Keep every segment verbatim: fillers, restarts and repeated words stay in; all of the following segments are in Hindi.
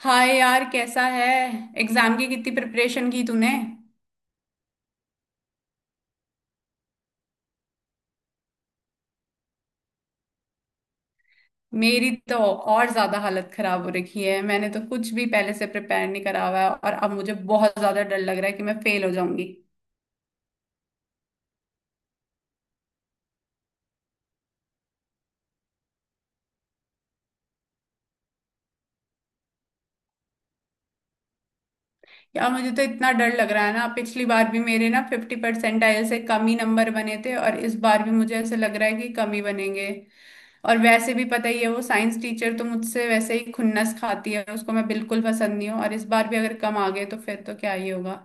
हाय यार, कैसा है? एग्जाम की कितनी प्रिपरेशन की तूने? मेरी तो और ज्यादा हालत खराब हो रखी है। मैंने तो कुछ भी पहले से प्रिपेयर नहीं करा हुआ है और अब मुझे बहुत ज्यादा डर लग रहा है कि मैं फेल हो जाऊंगी। यार मुझे तो इतना डर लग रहा है ना, पिछली बार भी मेरे ना फिफ्टी परसेंटाइल से कम ही नंबर बने थे और इस बार भी मुझे ऐसे लग रहा है कि कम ही बनेंगे। और वैसे भी पता ही है, वो साइंस टीचर तो मुझसे वैसे ही खुन्नस खाती है, उसको मैं बिल्कुल पसंद नहीं हूँ और इस बार भी अगर कम आ गए तो फिर तो क्या ही होगा।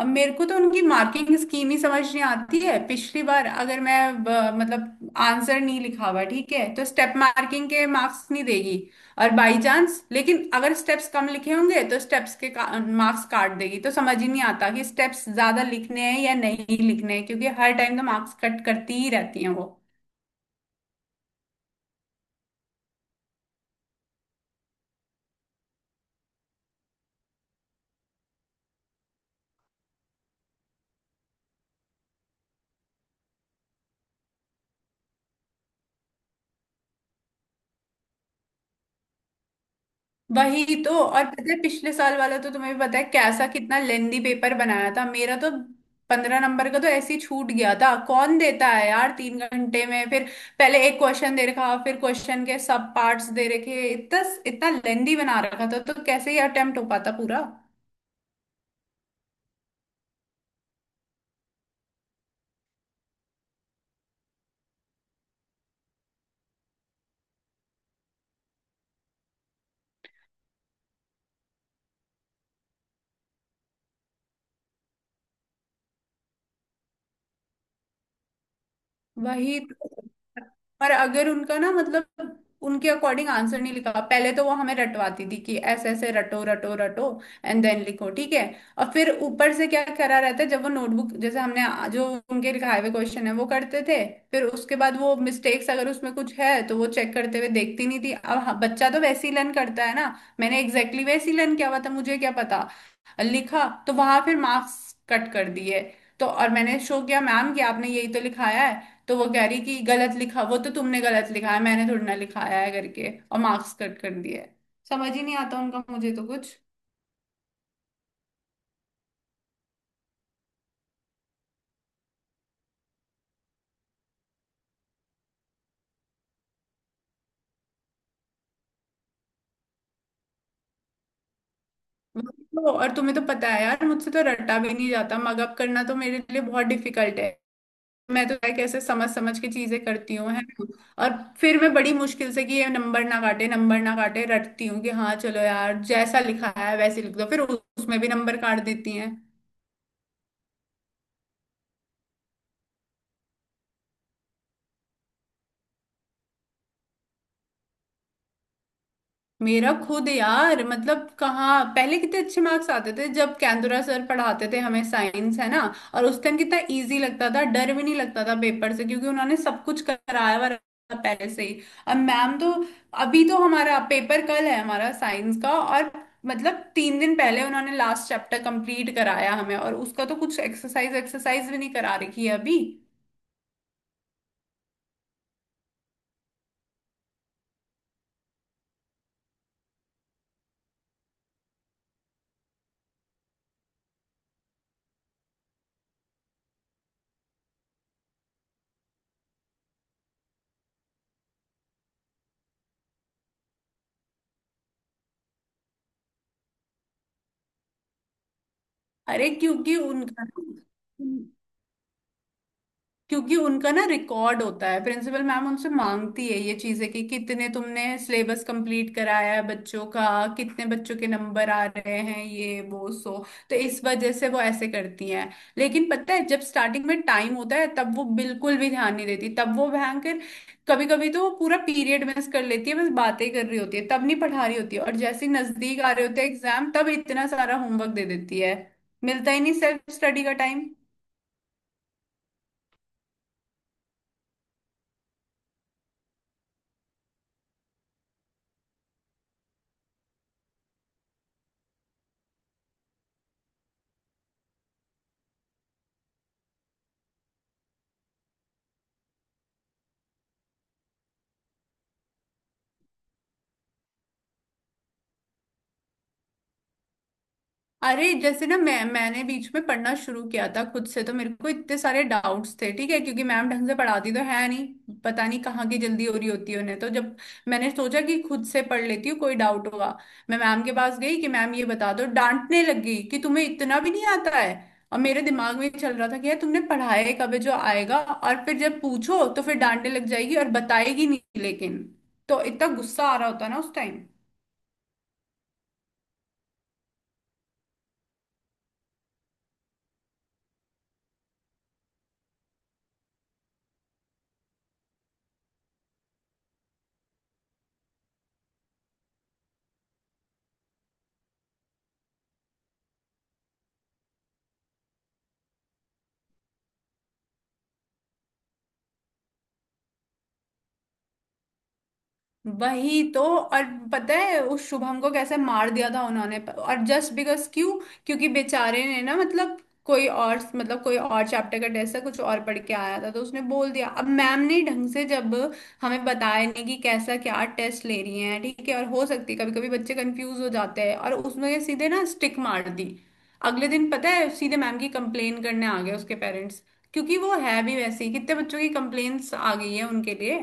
अब मेरे को तो उनकी मार्किंग स्कीम ही समझ नहीं आती है। पिछली बार अगर मैं ब- मतलब आंसर नहीं लिखा हुआ ठीक है तो स्टेप मार्किंग के मार्क्स नहीं देगी और बाय चांस लेकिन अगर स्टेप्स कम लिखे होंगे तो स्टेप्स के का, मार्क्स काट देगी, तो समझ ही नहीं आता कि स्टेप्स ज्यादा लिखने हैं या नहीं लिखने हैं, क्योंकि हर टाइम तो मार्क्स कट करती ही रहती हैं वो। वही तो। और पता है पिछले साल वाला तो तुम्हें भी पता है कैसा कितना लेंदी पेपर बनाया था मेरा तो। पंद्रह नंबर का तो ऐसे ही छूट गया था। कौन देता है यार तीन घंटे में फिर, पहले एक क्वेश्चन दे रखा, फिर क्वेश्चन के सब पार्ट्स दे रखे, इतना इतना लेंदी बना रखा था तो कैसे ही अटेम्प्ट हो पाता पूरा। वही तो। पर अगर उनका ना, मतलब उनके अकॉर्डिंग आंसर नहीं लिखा, पहले तो वो हमें रटवाती थी कि ऐसे ऐसे रटो रटो रटो एंड देन लिखो, ठीक है? और फिर ऊपर से क्या करा रहता है, जब वो नोटबुक जैसे हमने आ- जो उनके लिखाए हुए क्वेश्चन है वो करते थे, फिर उसके बाद वो मिस्टेक्स अगर उसमें कुछ है तो वो चेक करते हुए देखती नहीं थी। अब हाँ, बच्चा तो वैसे ही लर्न करता है ना। मैंने एग्जैक्टली exactly वैसे ही लर्न किया हुआ था, मुझे क्या पता, लिखा तो वहां, फिर मार्क्स कट कर दिए। तो और मैंने शो किया मैम कि आपने यही तो लिखाया है, तो वो कह रही कि गलत लिखा, वो तो तुमने गलत लिखा है, मैंने थोड़ी ना लिखाया है करके और मार्क्स कट कर दिए है। समझ ही नहीं आता उनका मुझे तो कुछ। वही तो, और तुम्हें तो पता है यार, मुझसे तो रटा भी नहीं जाता, मग अप करना तो मेरे लिए बहुत डिफिकल्ट है। मैं तो यार कैसे समझ समझ के चीजें करती हूँ, है ना? और फिर मैं बड़ी मुश्किल से कि ये नंबर ना काटे नंबर ना काटे रटती हूँ कि हाँ चलो यार जैसा लिखा है वैसे लिख दो, फिर उसमें भी नंबर काट देती हैं। मेरा खुद यार मतलब कहाँ पहले कितने अच्छे मार्क्स आते थे जब कैंदुरा सर पढ़ाते थे हमें साइंस, है ना? और उस टाइम कितना इजी लगता था, डर भी नहीं लगता था पेपर से, क्योंकि उन्होंने सब कुछ कराया हुआ रहता था पहले से ही। अब मैम तो अभी तो हमारा पेपर कल है हमारा साइंस का, और मतलब तीन दिन पहले उन्होंने लास्ट चैप्टर कंप्लीट कराया हमें और उसका तो कुछ एक्सरसाइज एक्सरसाइज भी नहीं करा रखी है अभी। अरे क्योंकि उनका क्योंकि उनका ना रिकॉर्ड होता है, प्रिंसिपल मैम उनसे मांगती है ये चीजें कि कितने तुमने सिलेबस कंप्लीट कराया है बच्चों का, कितने बच्चों के नंबर आ रहे हैं, ये वो, सो तो इस वजह से वो ऐसे करती हैं। लेकिन पता है जब स्टार्टिंग में टाइम होता है तब वो बिल्कुल भी ध्यान नहीं देती, तब वो भयंकर कभी कभी तो वो पूरा पीरियड मिस कर लेती है, बस बातें कर रही होती है तब नहीं पढ़ा रही होती है, और जैसे ही नजदीक आ रहे होते हैं एग्जाम तब इतना सारा होमवर्क दे देती है। मिलता ही नहीं सेल्फ स्टडी का टाइम। अरे जैसे ना मैं मैंने बीच में पढ़ना शुरू किया था खुद से, तो मेरे को इतने सारे डाउट्स थे, ठीक है, क्योंकि मैम ढंग से पढ़ाती तो है नहीं, पता नहीं कहाँ की जल्दी हो रही होती है उन्हें। तो जब मैंने सोचा कि खुद से पढ़ लेती हूँ, कोई डाउट हुआ, मैं मैम के पास गई कि मैम ये बता दो, डांटने लग गई कि तुम्हें इतना भी नहीं आता है। और मेरे दिमाग में चल रहा था कि यार तुमने पढ़ाया कब है जो आएगा, और फिर जब पूछो तो फिर डांटने लग जाएगी और बताएगी नहीं, लेकिन तो इतना गुस्सा आ रहा होता ना उस टाइम। वही तो। और पता है उस शुभम को कैसे मार दिया था उन्होंने, और जस्ट बिकॉज क्यों? क्योंकि बेचारे ने ना मतलब कोई और मतलब कोई और चैप्टर का टेस्ट था, कुछ और पढ़ के आया था, तो उसने बोल दिया। अब मैम ने ढंग से जब हमें बताया नहीं कि कैसा क्या टेस्ट ले रही हैं, ठीक है, और हो सकती है कभी कभी बच्चे कंफ्यूज हो जाते हैं, और उसमें सीधे ना स्टिक मार दी। अगले दिन पता है सीधे मैम की कंप्लेन करने आ गए उसके पेरेंट्स, क्योंकि वो है भी वैसे ही, कितने बच्चों की कंप्लेन्स आ गई है उनके लिए।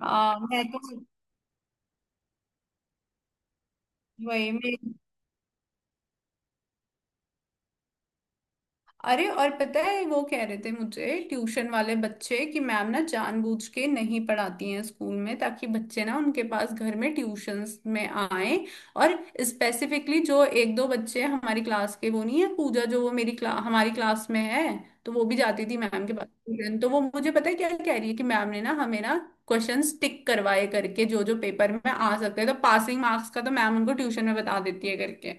आ, मैं तो वही में। अरे और पता है वो कह रहे थे मुझे ट्यूशन वाले बच्चे कि मैम ना जानबूझ के नहीं पढ़ाती हैं स्कूल में ताकि बच्चे ना उनके पास घर में ट्यूशंस में आए। और स्पेसिफिकली जो एक दो बच्चे हमारी क्लास के, वो नहीं है पूजा जो, वो मेरी क्ला, हमारी क्लास में है, तो वो भी जाती थी मैम के पास ट्यूशन, तो वो मुझे पता है क्या कह रही है कि मैम ने ना हमें ना क्वेश्चन टिक करवाए करके जो जो पेपर में आ सकते हैं, तो पासिंग मार्क्स का तो मैम उनको ट्यूशन में बता देती है करके।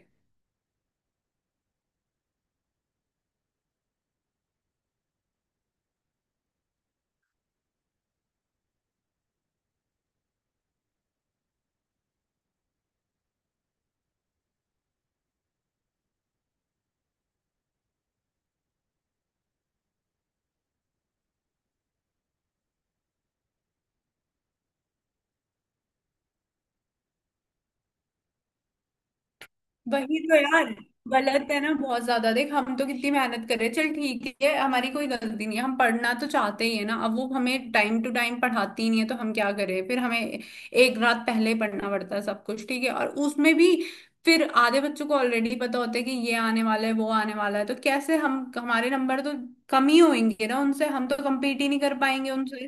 वही तो यार। गलत है ना बहुत ज्यादा। देख, हम तो कितनी मेहनत कर रहे हैं, चल ठीक है हमारी कोई गलती नहीं है, हम पढ़ना तो चाहते ही है ना, अब वो हमें टाइम टू टाइम पढ़ाती ही नहीं है तो हम क्या करें, फिर हमें एक रात पहले ही पढ़ना पड़ता है सब कुछ, ठीक है, और उसमें भी फिर आधे बच्चों को ऑलरेडी पता होता है कि ये आने वाला है वो आने वाला है, तो कैसे, हम हमारे नंबर तो कम ही होंगे ना उनसे, हम तो कम्पीट ही नहीं कर पाएंगे उनसे।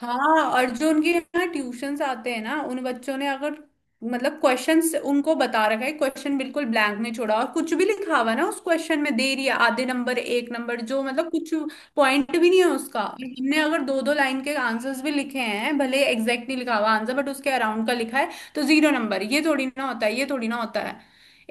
हाँ, और जो उनके यहाँ ट्यूशंस आते हैं ना उन बच्चों ने अगर मतलब क्वेश्चंस उनको बता रखा है, क्वेश्चन बिल्कुल ब्लैंक नहीं छोड़ा और कुछ भी लिखा हुआ है ना उस क्वेश्चन में, दे रही है आधे नंबर, एक नंबर, जो मतलब कुछ पॉइंट भी नहीं है उसका। हमने अगर दो दो लाइन के आंसर्स भी लिखे हैं भले एग्जैक्ट नहीं लिखा हुआ आंसर बट उसके अराउंड का लिखा है तो जीरो नंबर, ये थोड़ी ना होता है, ये थोड़ी ना होता है।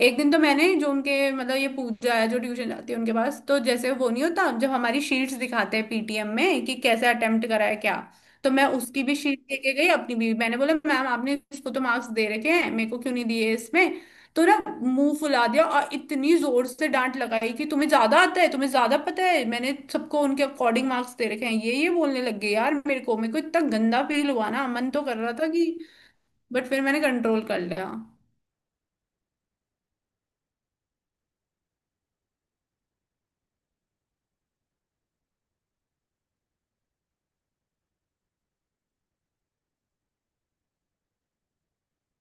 एक दिन तो मैंने जो उनके मतलब ये पूजा है जो ट्यूशन जाती है उनके पास, तो जैसे वो नहीं होता जब हमारी शीट्स दिखाते हैं पीटीएम में कि कैसे अटेम्प्ट करा है क्या, तो मैं उसकी भी शीट लेके गई अपनी भी, मैंने बोला मैम आपने इसको तो मार्क्स दे रखे हैं मेरे को क्यों नहीं दिए इसमें, तो ना मुंह फुला दिया और इतनी जोर से डांट लगाई कि तुम्हें ज्यादा आता है तुम्हें ज्यादा पता है, मैंने सबको उनके अकॉर्डिंग मार्क्स दे रखे हैं ये ये बोलने लग गई। यार मेरे को मेरे को इतना गंदा फील हुआ ना, मन तो कर रहा था कि, बट फिर मैंने कंट्रोल कर लिया।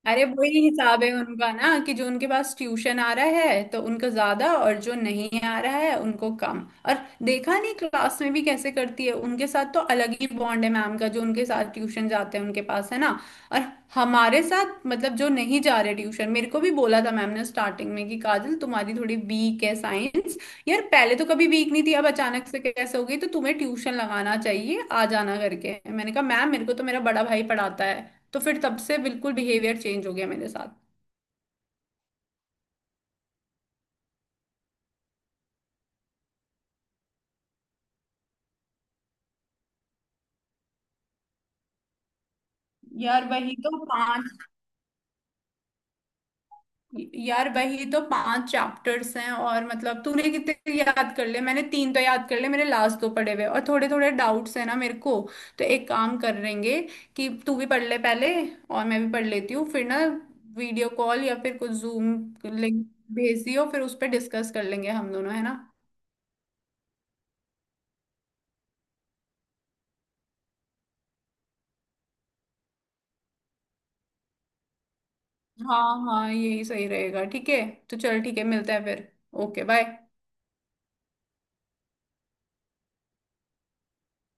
अरे वही हिसाब है उनका ना कि जो उनके पास ट्यूशन आ रहा है तो उनको ज्यादा और जो नहीं आ रहा है उनको कम। और देखा नहीं क्लास में भी कैसे करती है, उनके साथ तो अलग ही बॉन्ड है मैम का जो उनके साथ ट्यूशन जाते हैं उनके पास, है ना? और हमारे साथ मतलब जो नहीं जा रहे ट्यूशन। मेरे को भी बोला था मैम ने स्टार्टिंग में कि काजल तुम्हारी थोड़ी वीक है साइंस, यार पहले तो कभी वीक नहीं थी अब अचानक से कैसे हो गई, तो तुम्हें ट्यूशन लगाना चाहिए आ जाना करके। मैंने कहा मैम मेरे को तो मेरा बड़ा भाई पढ़ाता है, तो फिर तब से बिल्कुल बिहेवियर चेंज हो गया मेरे साथ। यार वही तो पांच यार वही तो पांच चैप्टर्स हैं और मतलब तूने कितने याद कर ले, मैंने तीन तो याद कर ले मेरे, लास्ट दो पढ़े हुए और थोड़े थोड़े डाउट्स हैं ना मेरे को। तो एक काम करेंगे कि तू भी पढ़ ले पहले और मैं भी पढ़ लेती हूँ, फिर ना वीडियो कॉल या फिर कुछ जूम लिंक भेज दियो, फिर उस पर डिस्कस कर लेंगे हम दोनों, है ना? हाँ हाँ यही सही रहेगा, ठीक है। तो चल ठीक है, मिलते हैं फिर। Okay bye.